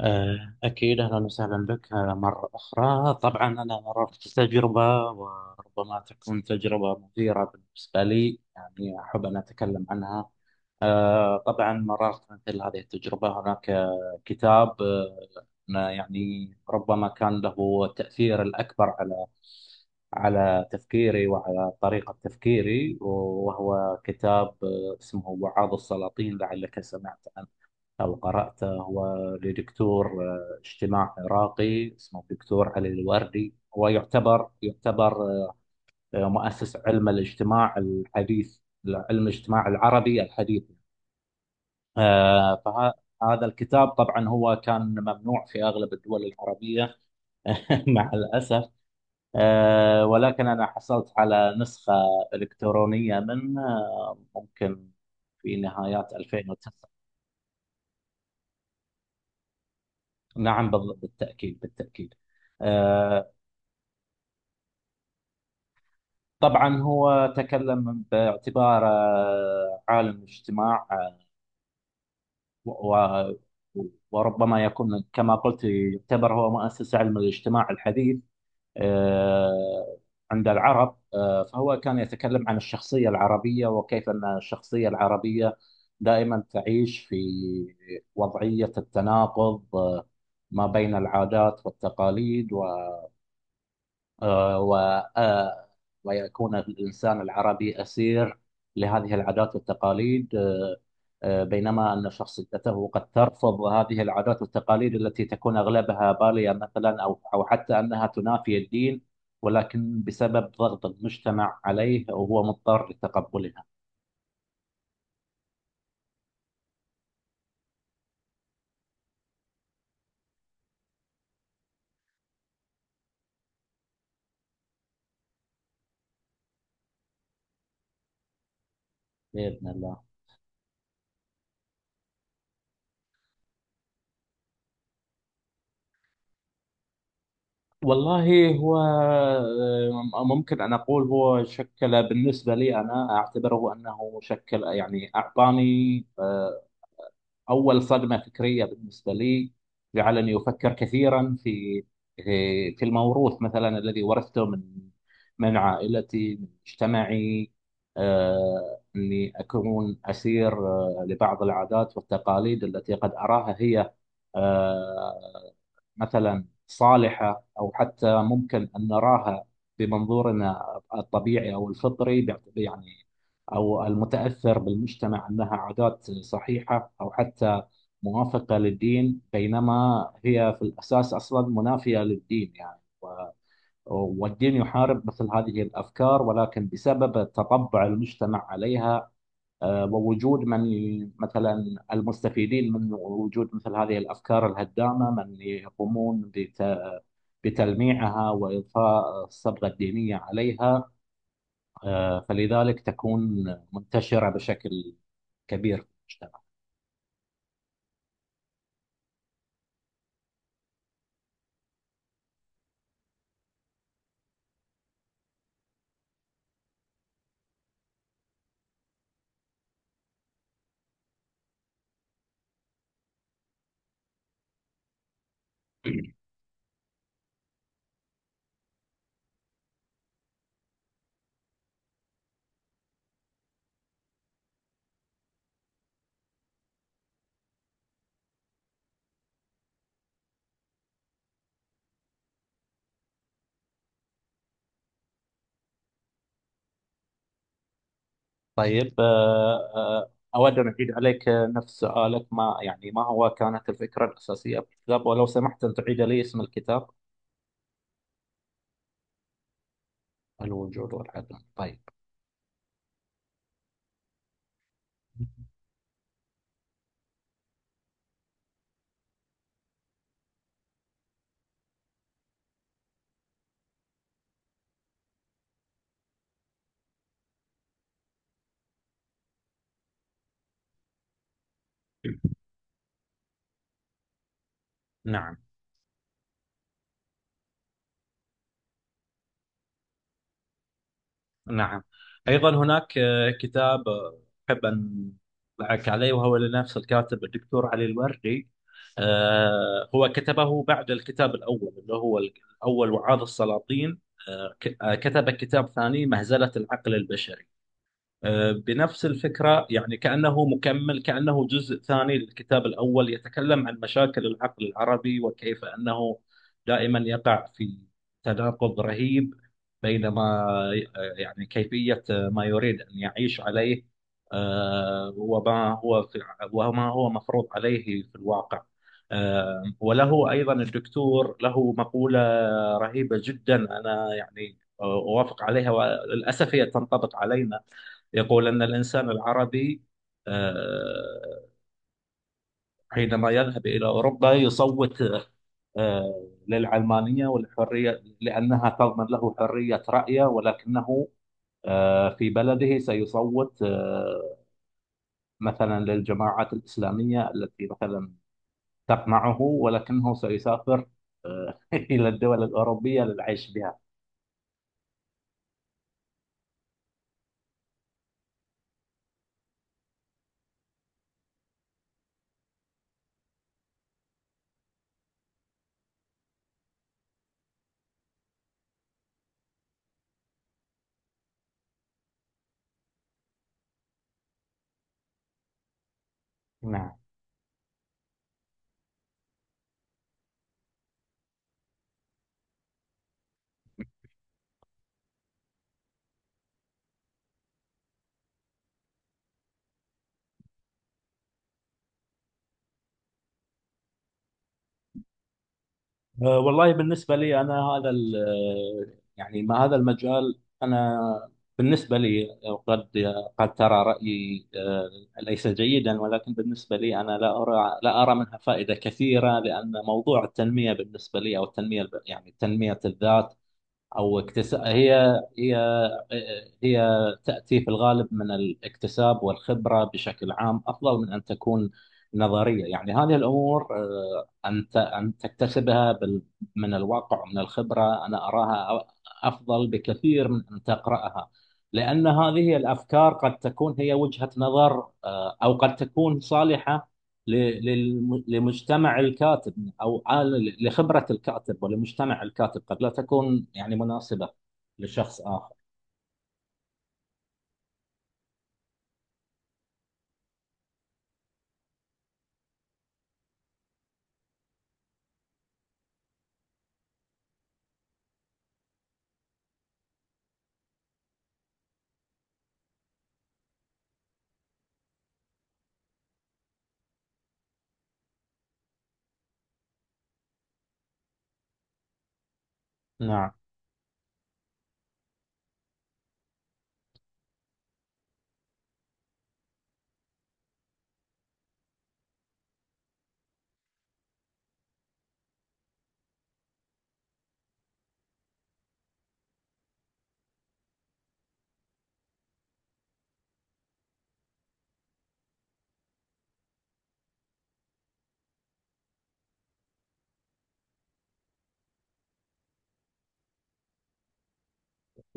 أكيد أهلا وسهلا بك مرة أخرى. طبعا أنا مررت تجربة، وربما تكون تجربة مثيرة بالنسبة لي، يعني أحب أن أتكلم عنها. طبعا مررت مثل هذه التجربة. هناك كتاب يعني ربما كان له تأثير الأكبر على على تفكيري وعلى طريقة تفكيري، وهو كتاب اسمه وعاظ السلاطين، لعلك سمعت عنه أو قرأته. هو لدكتور اجتماع عراقي اسمه الدكتور علي الوردي، هو يعتبر مؤسس علم الاجتماع الحديث، علم الاجتماع العربي الحديث. آه، فهذا الكتاب طبعا هو كان ممنوع في أغلب الدول العربية مع الأسف. ولكن أنا حصلت على نسخة إلكترونية منه، ممكن في نهايات 2009. نعم، بالتأكيد، بالتأكيد. آه، طبعا هو تكلم باعتباره عالم اجتماع. و- وربما يكون، كما قلت، يعتبر هو مؤسس علم الاجتماع الحديث آه، عند العرب. فهو كان يتكلم عن الشخصية العربية، وكيف أن الشخصية العربية دائما تعيش في وضعية التناقض ما بين العادات والتقاليد آه، و آه، ويكون الإنسان العربي أسير لهذه العادات والتقاليد. بينما أن شخصيته قد ترفض هذه العادات والتقاليد التي تكون أغلبها بالية مثلا، أو حتى أنها تنافي الدين، ولكن بسبب ضغط المجتمع عليه وهو مضطر لتقبلها. بإذن الله. والله هو ممكن أن أقول هو شكل بالنسبة لي، أنا أعتبره أنه شكل، يعني أعطاني أول صدمة فكرية بالنسبة لي. جعلني أفكر كثيرا في في الموروث مثلا الذي ورثته من من عائلتي، من مجتمعي. أني أكون أسير لبعض العادات والتقاليد التي قد أراها هي آه، مثلا صالحة، أو حتى ممكن أن نراها بمنظورنا الطبيعي أو الفطري، يعني أو المتأثر بالمجتمع، أنها عادات صحيحة أو حتى موافقة للدين، بينما هي في الأساس أصلا منافية للدين. يعني والدين يحارب مثل هذه الأفكار، ولكن بسبب تطبع المجتمع عليها ووجود من مثلا المستفيدين من وجود مثل هذه الأفكار الهدامة، من يقومون بتلميعها وإضفاء الصبغة الدينية عليها. فلذلك تكون منتشرة بشكل كبير مجتمع. طيب. أود أن أعيد عليك نفس سؤالك، ما يعني ما هو كانت الفكرة الأساسية في الكتاب، ولو سمحت أن تعيد لي اسم الكتاب. الوجود والعدم، طيب. نعم. نعم، أيضا هناك كتاب أحب أن أطلعك عليه، وهو لنفس الكاتب الدكتور علي الوردي. هو كتبه بعد الكتاب الأول، اللي هو الأول وعاظ السلاطين. كتب كتاب ثاني مهزلة العقل البشري بنفس الفكرة، يعني كأنه مكمل، كأنه جزء ثاني للكتاب الأول. يتكلم عن مشاكل العقل العربي، وكيف أنه دائما يقع في تناقض رهيب بين ما يعني كيفية ما يريد أن يعيش عليه آه، وما هو في وما هو مفروض عليه في الواقع. وله أيضا الدكتور له مقولة رهيبة جدا، أنا يعني أوافق عليها وللأسف هي تنطبق علينا. يقول أن الإنسان العربي آه، حينما يذهب إلى أوروبا يصوت للعلمانية والحرية، لأنها تضمن له حرية رأيه، ولكنه في بلده سيصوت مثلا للجماعات الإسلامية التي مثلا تقمعه، ولكنه سيسافر إلى الدول الأوروبية للعيش بها. نعم. والله بالنسبة لي أنا، هذا يعني ما هذا المجال، أنا بالنسبة لي قد قد ترى رأيي ليس جيدا، ولكن بالنسبة لي أنا لا أرى لا أرى منها فائدة كثيرة، لأن موضوع التنمية بالنسبة لي، أو التنمية يعني تنمية الذات او اكتساب هي هي تاتي في الغالب من الاكتساب والخبره. بشكل عام افضل من ان تكون نظريه، يعني هذه الامور ان تكتسبها من الواقع ومن الخبره، انا اراها افضل بكثير من ان تقراها، لان هذه الافكار قد تكون هي وجهه نظر، او قد تكون صالحه لمجتمع الكاتب، او لخبره الكاتب ولمجتمع الكاتب، قد لا تكون يعني مناسبه لشخص اخر. نعم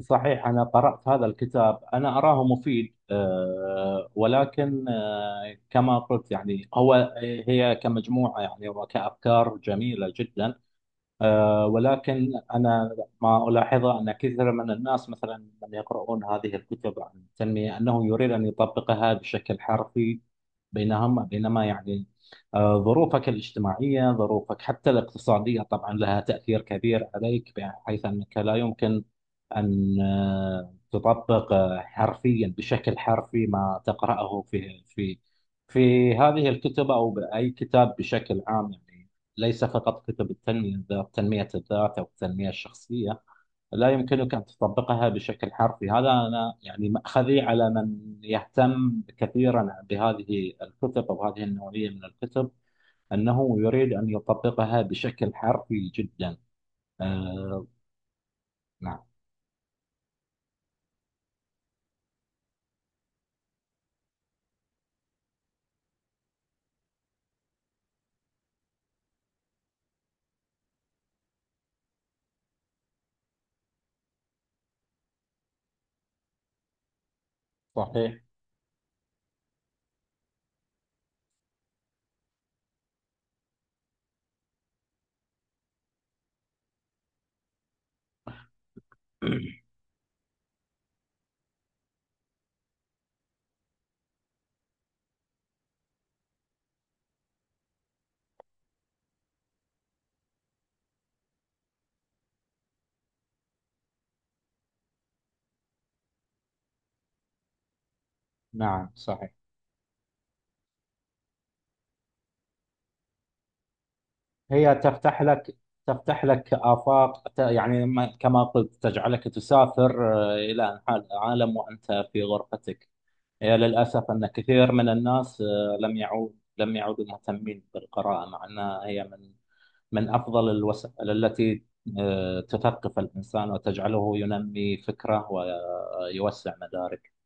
صحيح. انا قرات هذا الكتاب انا اراه مفيد، ولكن كما قلت، يعني هو هي كمجموعه يعني وكافكار جميله جدا. ولكن أنا ما ألاحظه أن كثير من الناس مثلا من يقرؤون هذه الكتب عن التنمية، أنه يريد أن يطبقها بشكل حرفي بينهم. بينما يعني ظروفك الاجتماعية، ظروفك حتى الاقتصادية طبعا لها تأثير كبير عليك، بحيث أنك لا يمكن أن تطبق حرفيا، بشكل حرفي ما تقرأه في في في هذه الكتب أو بأي كتاب بشكل عام، يعني ليس فقط كتب التنمية الذات، تنمية الذات أو التنمية الشخصية. لا يمكنك أن تطبقها بشكل حرفي. هذا أنا يعني مأخذي على من يهتم كثيرا بهذه الكتب أو هذه النوعية من الكتب، أنه يريد أن يطبقها بشكل حرفي جدا. آه نعم صحيح. نعم صحيح. هي تفتح لك، تفتح لك آفاق يعني كما قلت، تجعلك تسافر إلى عالم وأنت في غرفتك. هي للأسف أن كثير من الناس لم يعودوا مهتمين بالقراءة، مع أنها هي من من أفضل الوسائل التي تثقف الإنسان وتجعله ينمي فكره ويوسع مداركه.